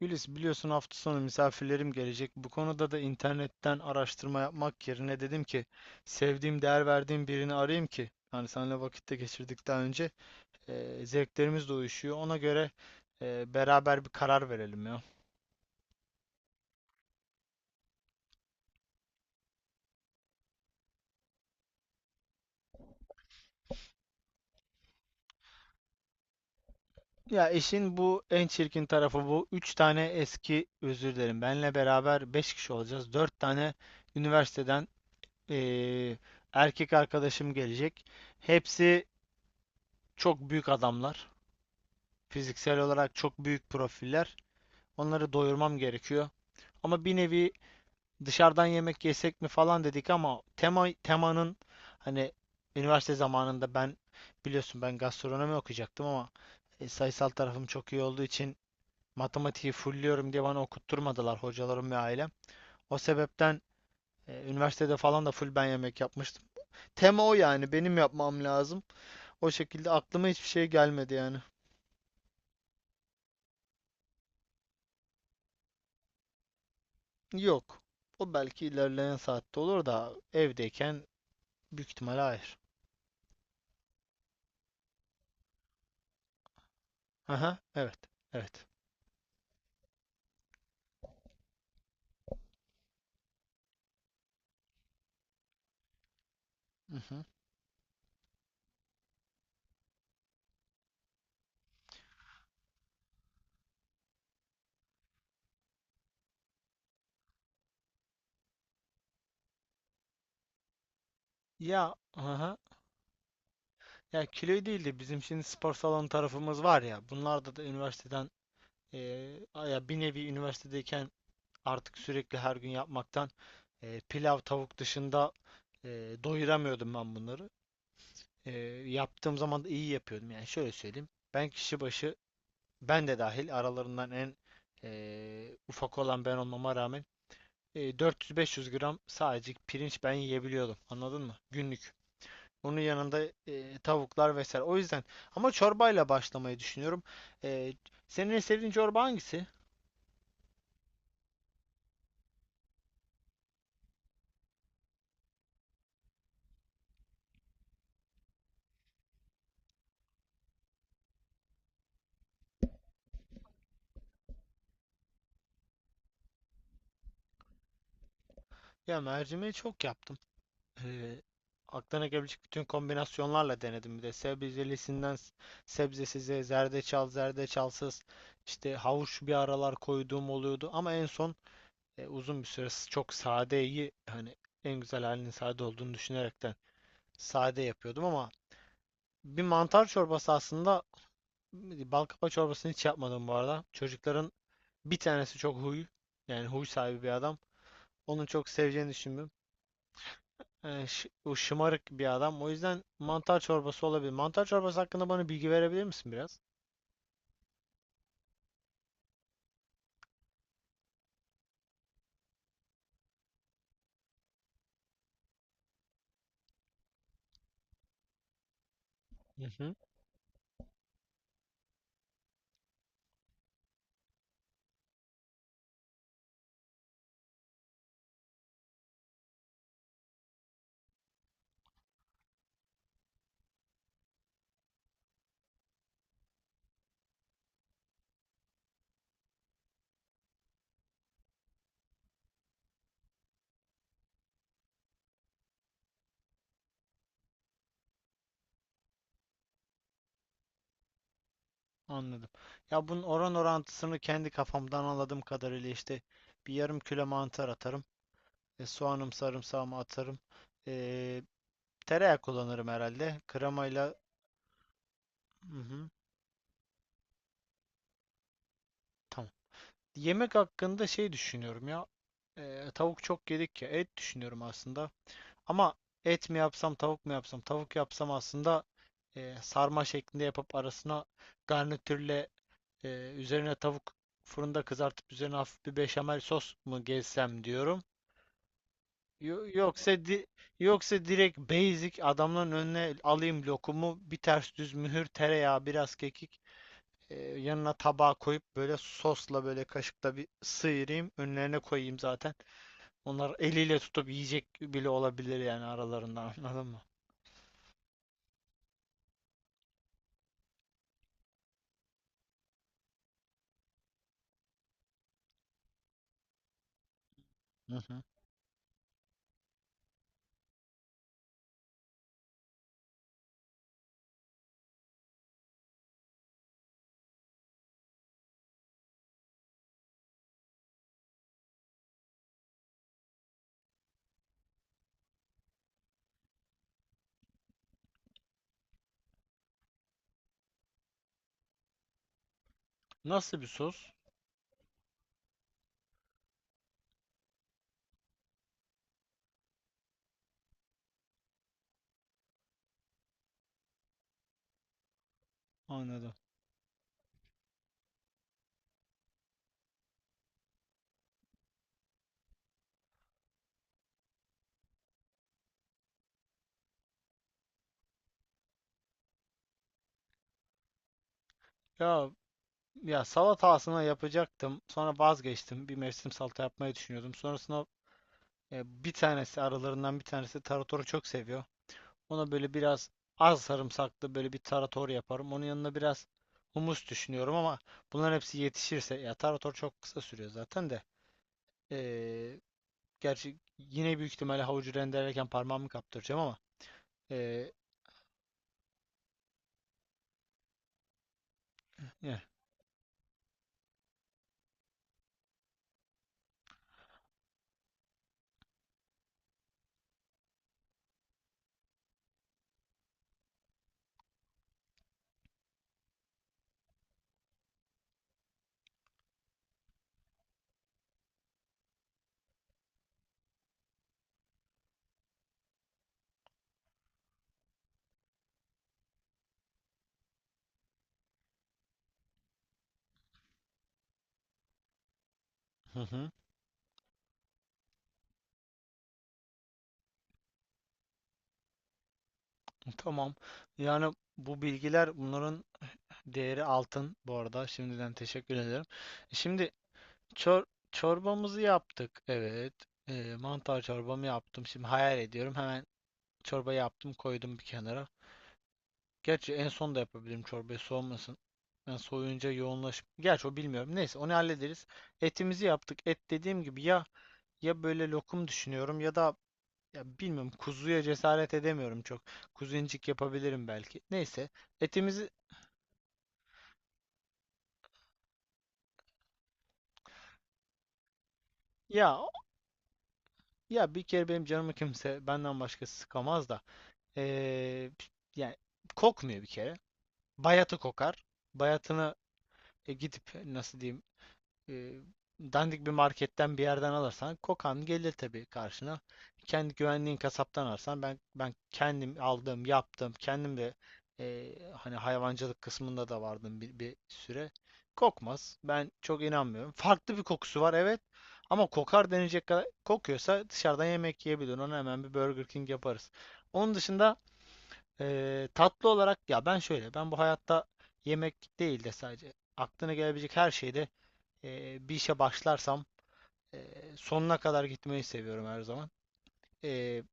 Gülis, biliyorsun hafta sonu misafirlerim gelecek. Bu konuda da internetten araştırma yapmak yerine dedim ki sevdiğim, değer verdiğim birini arayayım ki hani seninle vakitte geçirdikten önce zevklerimiz de uyuşuyor. Ona göre beraber bir karar verelim ya. Ya işin bu en çirkin tarafı bu. Üç tane eski özür dilerim. Benle beraber beş kişi olacağız. Dört tane üniversiteden e, erkek arkadaşım gelecek. Hepsi çok büyük adamlar. Fiziksel olarak çok büyük profiller. Onları doyurmam gerekiyor. Ama bir nevi dışarıdan yemek yesek mi falan dedik ama temanın hani üniversite zamanında ben biliyorsun ben gastronomi okuyacaktım ama sayısal tarafım çok iyi olduğu için matematiği fullliyorum diye bana okutturmadılar hocalarım ve ailem. O sebepten üniversitede falan da full ben yemek yapmıştım. Tema o, yani benim yapmam lazım. O şekilde aklıma hiçbir şey gelmedi yani. Yok. O belki ilerleyen saatte olur da evdeyken büyük ihtimalle hayır. Aha, evet. Evet. Mhm. Ya, aha. Ya kilo değil de bizim şimdi spor salonu tarafımız var ya. Bunlarda da üniversiteden ya bir nevi üniversitedeyken artık sürekli her gün yapmaktan pilav tavuk dışında doyuramıyordum ben bunları. Eee, yaptığım zaman da iyi yapıyordum. Yani şöyle söyleyeyim. Ben kişi başı ben de dahil aralarından en ufak olan ben olmama rağmen 400-500 gram sadece pirinç ben yiyebiliyordum. Anladın mı? Günlük. Onun yanında tavuklar vesaire. O yüzden ama çorbayla başlamayı düşünüyorum. E, senin en sevdiğin çorba hangisi? Ya mercimeği çok yaptım. E, aklına gelebilecek bütün kombinasyonlarla denedim bir de. Sebzelisinden sebzesize, zerdeçal, zerdeçalsız, işte havuç bir aralar koyduğum oluyordu. Ama en son uzun bir süre çok sadeyi hani en güzel halinin sade olduğunu düşünerekten sade yapıyordum ama bir mantar çorbası aslında bal kabağı çorbasını hiç yapmadım bu arada. Çocukların bir tanesi çok huy, yani huy sahibi bir adam. Onun çok seveceğini düşünmüyorum. Yani o şımarık bir adam. O yüzden mantar çorbası olabilir. Mantar çorbası hakkında bana bilgi verebilir misin biraz? Hı hı, anladım. Ya bunun oran orantısını kendi kafamdan anladığım kadarıyla işte bir yarım kilo mantar atarım. Soğanım sarımsağımı atarım. E, tereyağı kullanırım herhalde. Kremayla hı hı, tamam. Yemek hakkında şey düşünüyorum ya. Tavuk çok yedik ya. Et düşünüyorum aslında. Ama et mi yapsam, tavuk mu yapsam? Tavuk yapsam aslında sarma şeklinde yapıp arasına garnitürle üzerine tavuk fırında kızartıp üzerine hafif bir beşamel sos mu gezsem diyorum. Yo- Yoksa di- yoksa direkt basic adamların önüne alayım lokumu, bir ters düz mühür, tereyağı, biraz kekik. Yanına tabağa koyup böyle sosla böyle kaşıkla bir sıyırayım. Önlerine koyayım zaten. Onlar eliyle tutup yiyecek bile olabilir yani aralarından anladın mı? Hı hı. Nasıl bir sos? Anladım. Ya ya salata aslında yapacaktım. Sonra vazgeçtim. Bir mevsim salata yapmayı düşünüyordum. Sonrasında bir tanesi aralarından bir tanesi taratoru çok seviyor. Ona böyle biraz az sarımsaklı böyle bir tarator yaparım. Onun yanına biraz humus düşünüyorum ama bunların hepsi yetişirse ya tarator çok kısa sürüyor zaten de. Ee, gerçi yine büyük ihtimalle havucu rendelerken parmağımı kaptıracağım ama ee, eh, hı hı, tamam. Yani bu bilgiler bunların değeri altın bu arada. Şimdiden teşekkür ederim. Şimdi çor çorbamızı yaptık. Evet. Mantar çorbamı yaptım. Şimdi hayal ediyorum. Hemen çorbayı yaptım, koydum bir kenara. Gerçi en son da yapabilirim çorbayı soğumasın. Ben soğuyunca yoğunlaşıp. Gerçi o bilmiyorum. Neyse onu hallederiz. Etimizi yaptık. Et dediğim gibi ya böyle lokum düşünüyorum ya da ya bilmiyorum kuzuya cesaret edemiyorum çok. Kuzincik yapabilirim belki. Neyse etimizi ya ya bir kere benim canımı kimse benden başkası sıkamaz da Ee, yani kokmuyor bir kere. Bayatı kokar. Bayatını gidip nasıl diyeyim e, dandik bir marketten bir yerden alırsan kokan gelir tabii karşına. Kendi güvenliğin kasaptan alırsan ben kendim aldım, yaptım. Kendim de hani hayvancılık kısmında da vardım bir süre. Kokmaz. Ben çok inanmıyorum. Farklı bir kokusu var, evet. Ama kokar denecek kadar kokuyorsa dışarıdan yemek yiyebilir. Ona hemen bir Burger King yaparız. Onun dışında tatlı olarak ya ben şöyle ben bu hayatta yemek değil de sadece aklına gelebilecek her şeyde bir işe başlarsam e, sonuna kadar gitmeyi seviyorum her zaman. Ee,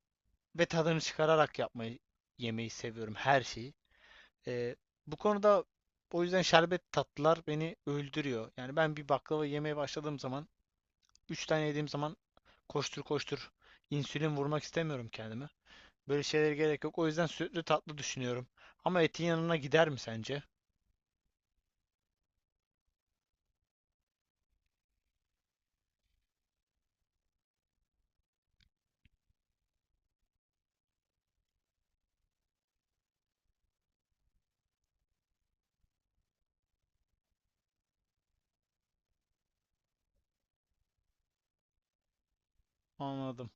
ve tadını çıkararak yapmayı, yemeyi seviyorum her şeyi. Ee, bu konuda o yüzden şerbet tatlılar beni öldürüyor. Yani ben bir baklava yemeye başladığım zaman, 3 tane yediğim zaman koştur koştur insülin vurmak istemiyorum kendime. Böyle şeylere gerek yok. O yüzden sütlü tatlı düşünüyorum. Ama etin yanına gider mi sence? Anladım.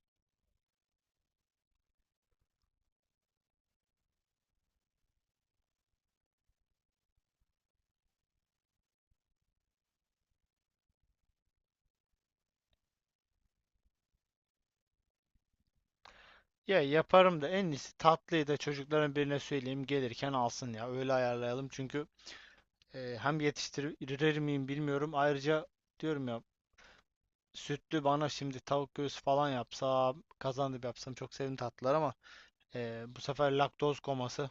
Ya yaparım da en iyisi tatlıyı da çocukların birine söyleyeyim gelirken alsın ya öyle ayarlayalım çünkü hem yetiştirir miyim bilmiyorum ayrıca diyorum ya sütlü bana şimdi tavuk göğsü falan yapsam kazandıp yapsam çok sevimli tatlılar ama bu sefer laktoz koması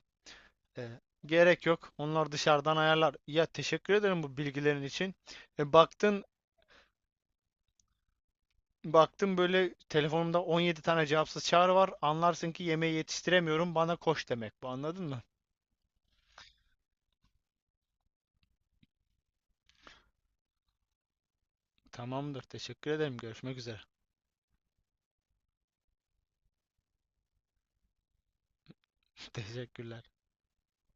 e, gerek yok onlar dışarıdan ayarlar ya teşekkür ederim bu bilgilerin için e, baktın baktım böyle telefonumda 17 tane cevapsız çağrı var anlarsın ki yemeği yetiştiremiyorum bana koş demek bu anladın mı? Tamamdır. Teşekkür ederim. Görüşmek üzere. Teşekkürler.